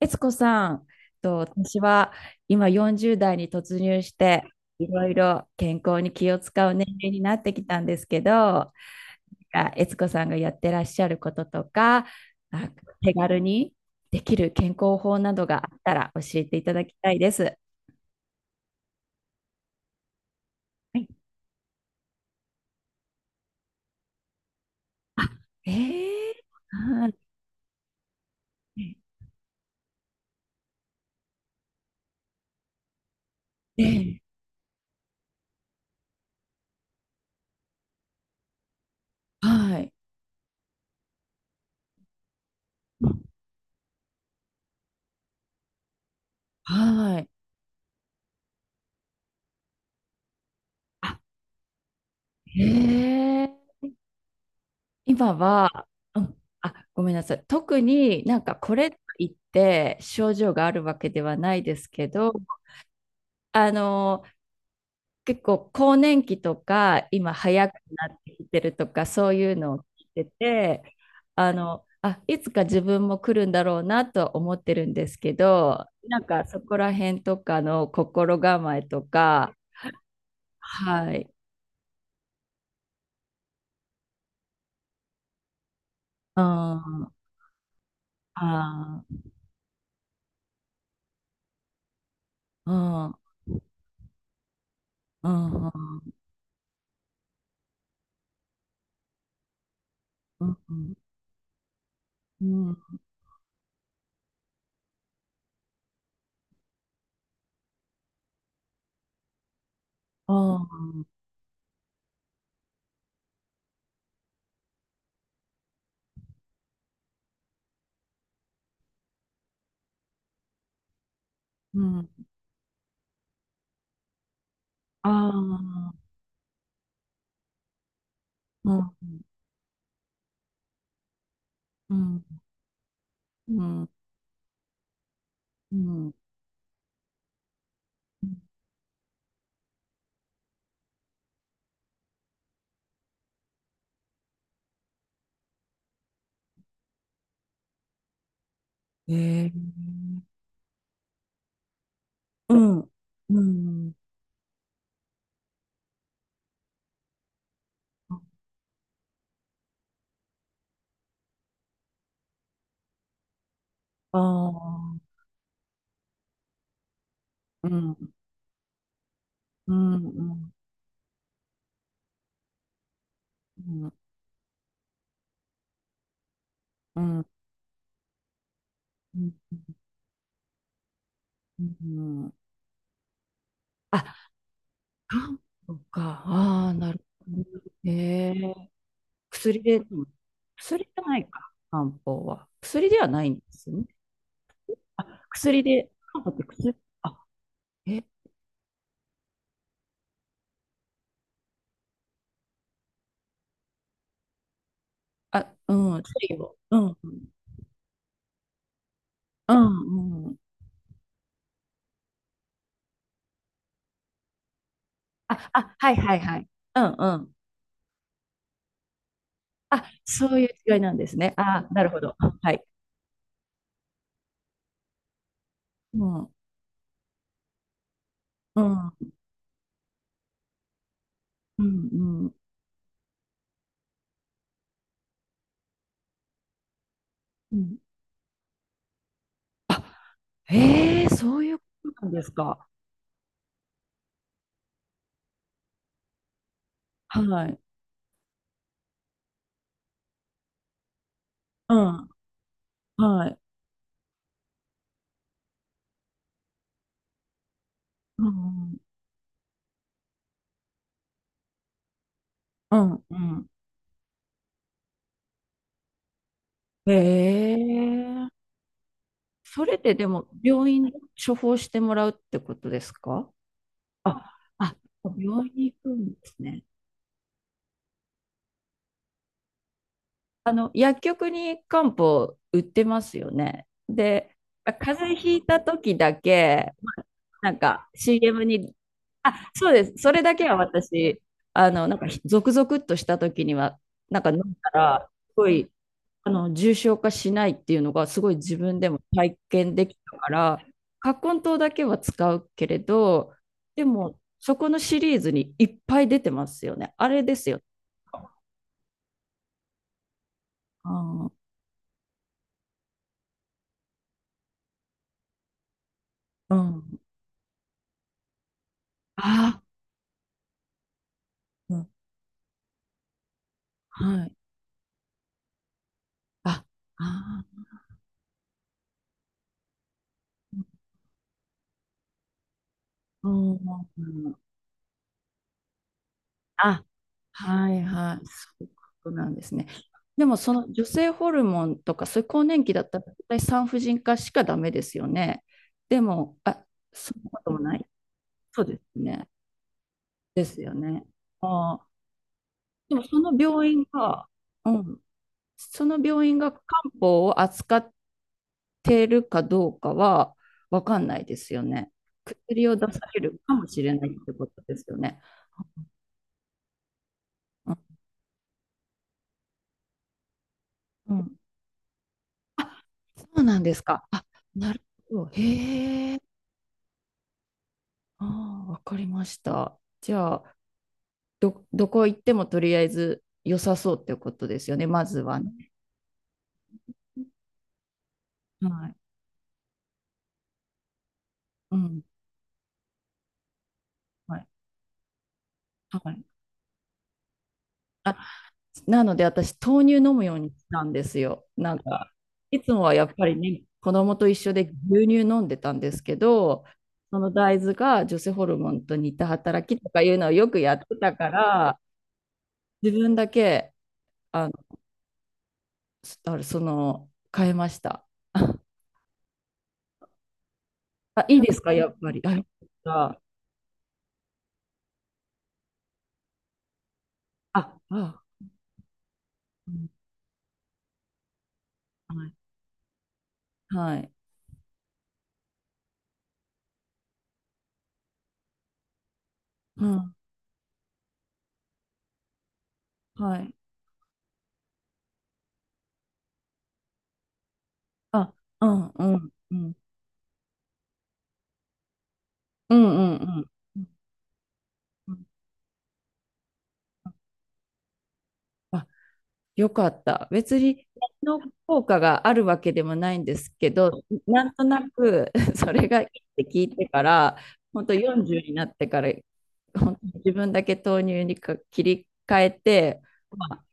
悦子さん、と私は今40代に突入して、いろいろ健康に気を使う年齢になってきたんですけど、なんか悦子さんがやってらっしゃることとか、あ手軽にできる健康法などがあったら教えていただきたいです。はい。あ、えー、はい。えーはい、はい。あ、えー今は、うん、あ、ごめんなさい。特になんかこれといって症状があるわけではないですけど、あの、結構更年期とか今早くなってきてるとかそういうのを聞いてて、あの、あ、いつか自分も来るんだろうなとは思ってるんですけど、なんかそこら辺とかの心構えとか。はい。うん、あー、うん、うん、うん、うん、うん、うん。うん。ああ、うん、うん、うん、うん。ええ、うん、うん。ああ、うん、うん、うん、うん、うん、うん。うん、あ、漢方か。ああ、なるほど。ええ、薬で、うん、薬じゃないか、漢方は。薬ではないんですよね。あ、薬で、漢方って薬、あ、え、あ、うん、薬を、うん、うん、うん、うん、あ、あ、はい、はい、はい。うん、うん。あ、そういう違いなんですね。あ、なるほど。はい。うん、うん、うん、うん、うん。あ、へえ、そういうことなんですか。はい。うん、はい。うん、うん、うん。うん、へえ。それででも、病院で処方してもらうってことですか？あ、あ、病院に行くんですね。あの、薬局に漢方売ってますよね。で、風邪ひいた時だけ、なんか CM に、あ、そうです。それだけは私、あの、なんかひゾクゾクっとした時には、なんか飲んだら、すごい、あの、重症化しないっていうのが、すごい自分でも体験できたから、葛根湯だけは使うけれど、でも、そこのシリーズにいっぱい出てますよね。あれですよ。あー、うん。あー、うん、はい。あ、ああ、うん。あ、はい、はい。そういうことなんですね。でもその女性ホルモンとか、そういう更年期だったら絶対産婦人科しかダメですよね。でも、あ、そんなこともない。そうですね。ですよね。ああ、でもその病院が、うん。その病院が漢方を扱ってるかどうかは分かんないですよね。薬を出されるかもしれないってことですよね。うん、うん、あ、そうなんですか。あ、なるほど。へえ。ああ、わかりました。じゃあ、ど、どこ行ってもとりあえず良さそうってことですよね。まずはね。はい。うん。はい。はい。あ、なので私、豆乳飲むようにしたんですよ。なんか、いつもはやっぱりね、子供と一緒で牛乳飲んでたんですけど、その大豆が女性ホルモンと似た働きとかいうのをよくやってたから、自分だけ、あの、すあれその、変えました。あ、いいですか、やっぱり。あ、よかった。あ、あ、うん、はい、はい、うん、はい。あ、うん、うん、うん、うん、うん、うん、うん。うん、あ、よかった。別にの効果があるわけでもないんですけど、なんとなく それがいいって聞いてから、本当40になってから、本当に自分だけ豆乳にか切り替えて、まあ、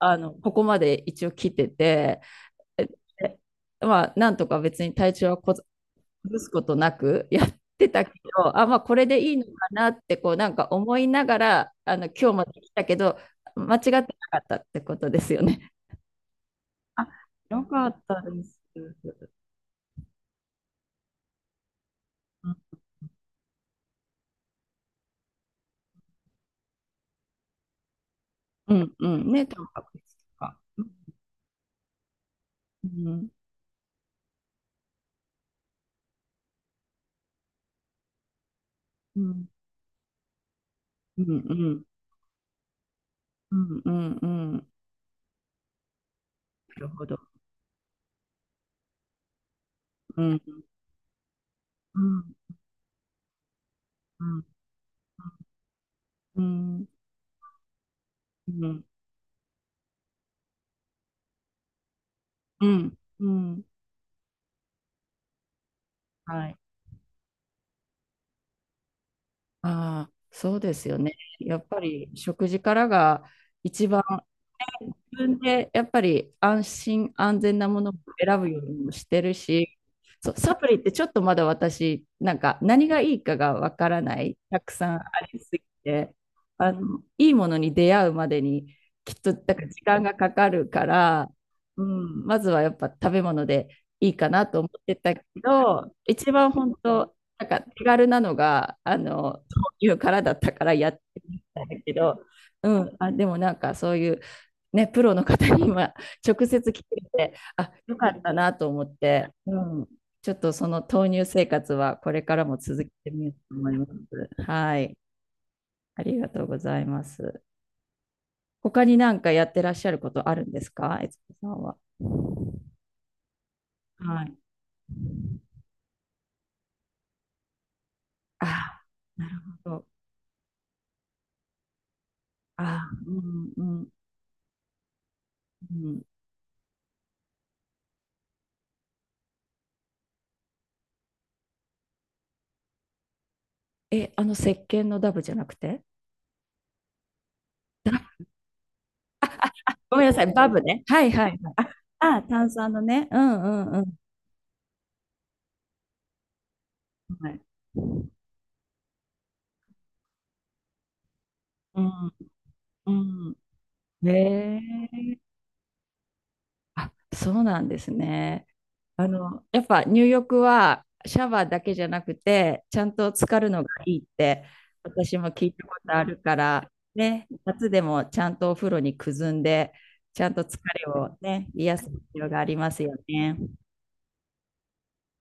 あのここまで一応来てて、え、まあ、なんとか別に体調はこず崩すことなく やってたけど、あ、まあ、これでいいのかなってこうなんか思いながら、あの今日もで来たけど、間違ってなかったってことですよね。あ、よかったです。うん、うん、ね、タンパク質とか。うん、うん、うん、うん、うん、うん、うん、なるほど。うん、うん、うん、うん、うん、うん、うん、はい。ああ、そうですよね。やっぱり食事からが一番自分でやっぱり安心安全なものを選ぶようにもしてるし、そうサプリってちょっとまだ私、なんか何がいいかがわからない、たくさんありすぎて、あの、いいものに出会うまでにきっとなんから時間がかかるから、うん、まずはやっぱ食べ物でいいかなと思ってたけど、一番本当、なんか手軽なのが、あの、豆乳からだったからやってみたんだけど、うん、あ、でもなんかそういうね、プロの方に今直接聞いて、あ、よかったなと思って、うん、ちょっとその豆乳生活はこれからも続けてみようと思います。はい、ありがとうございます。他に何かやってらっしゃることあるんですか、えつこさんは。はい。あ、なるほど。あ、うん、うん、うん。え、あの石鹸のダブじゃなくてダブ。 ごめんなさい、バブね。はい、はい、はい。あ、あ、炭酸のね。うん、うん、うん。はい。うん、うん。ねえ。あ、そうなんですね。あの、やっぱ入浴はシャワーだけじゃなくて、ちゃんと浸かるのがいいって、私も聞いたことあるから、ね、夏でもちゃんとお風呂にくずんで、ちゃんと疲れをね、癒す必要がありますよね。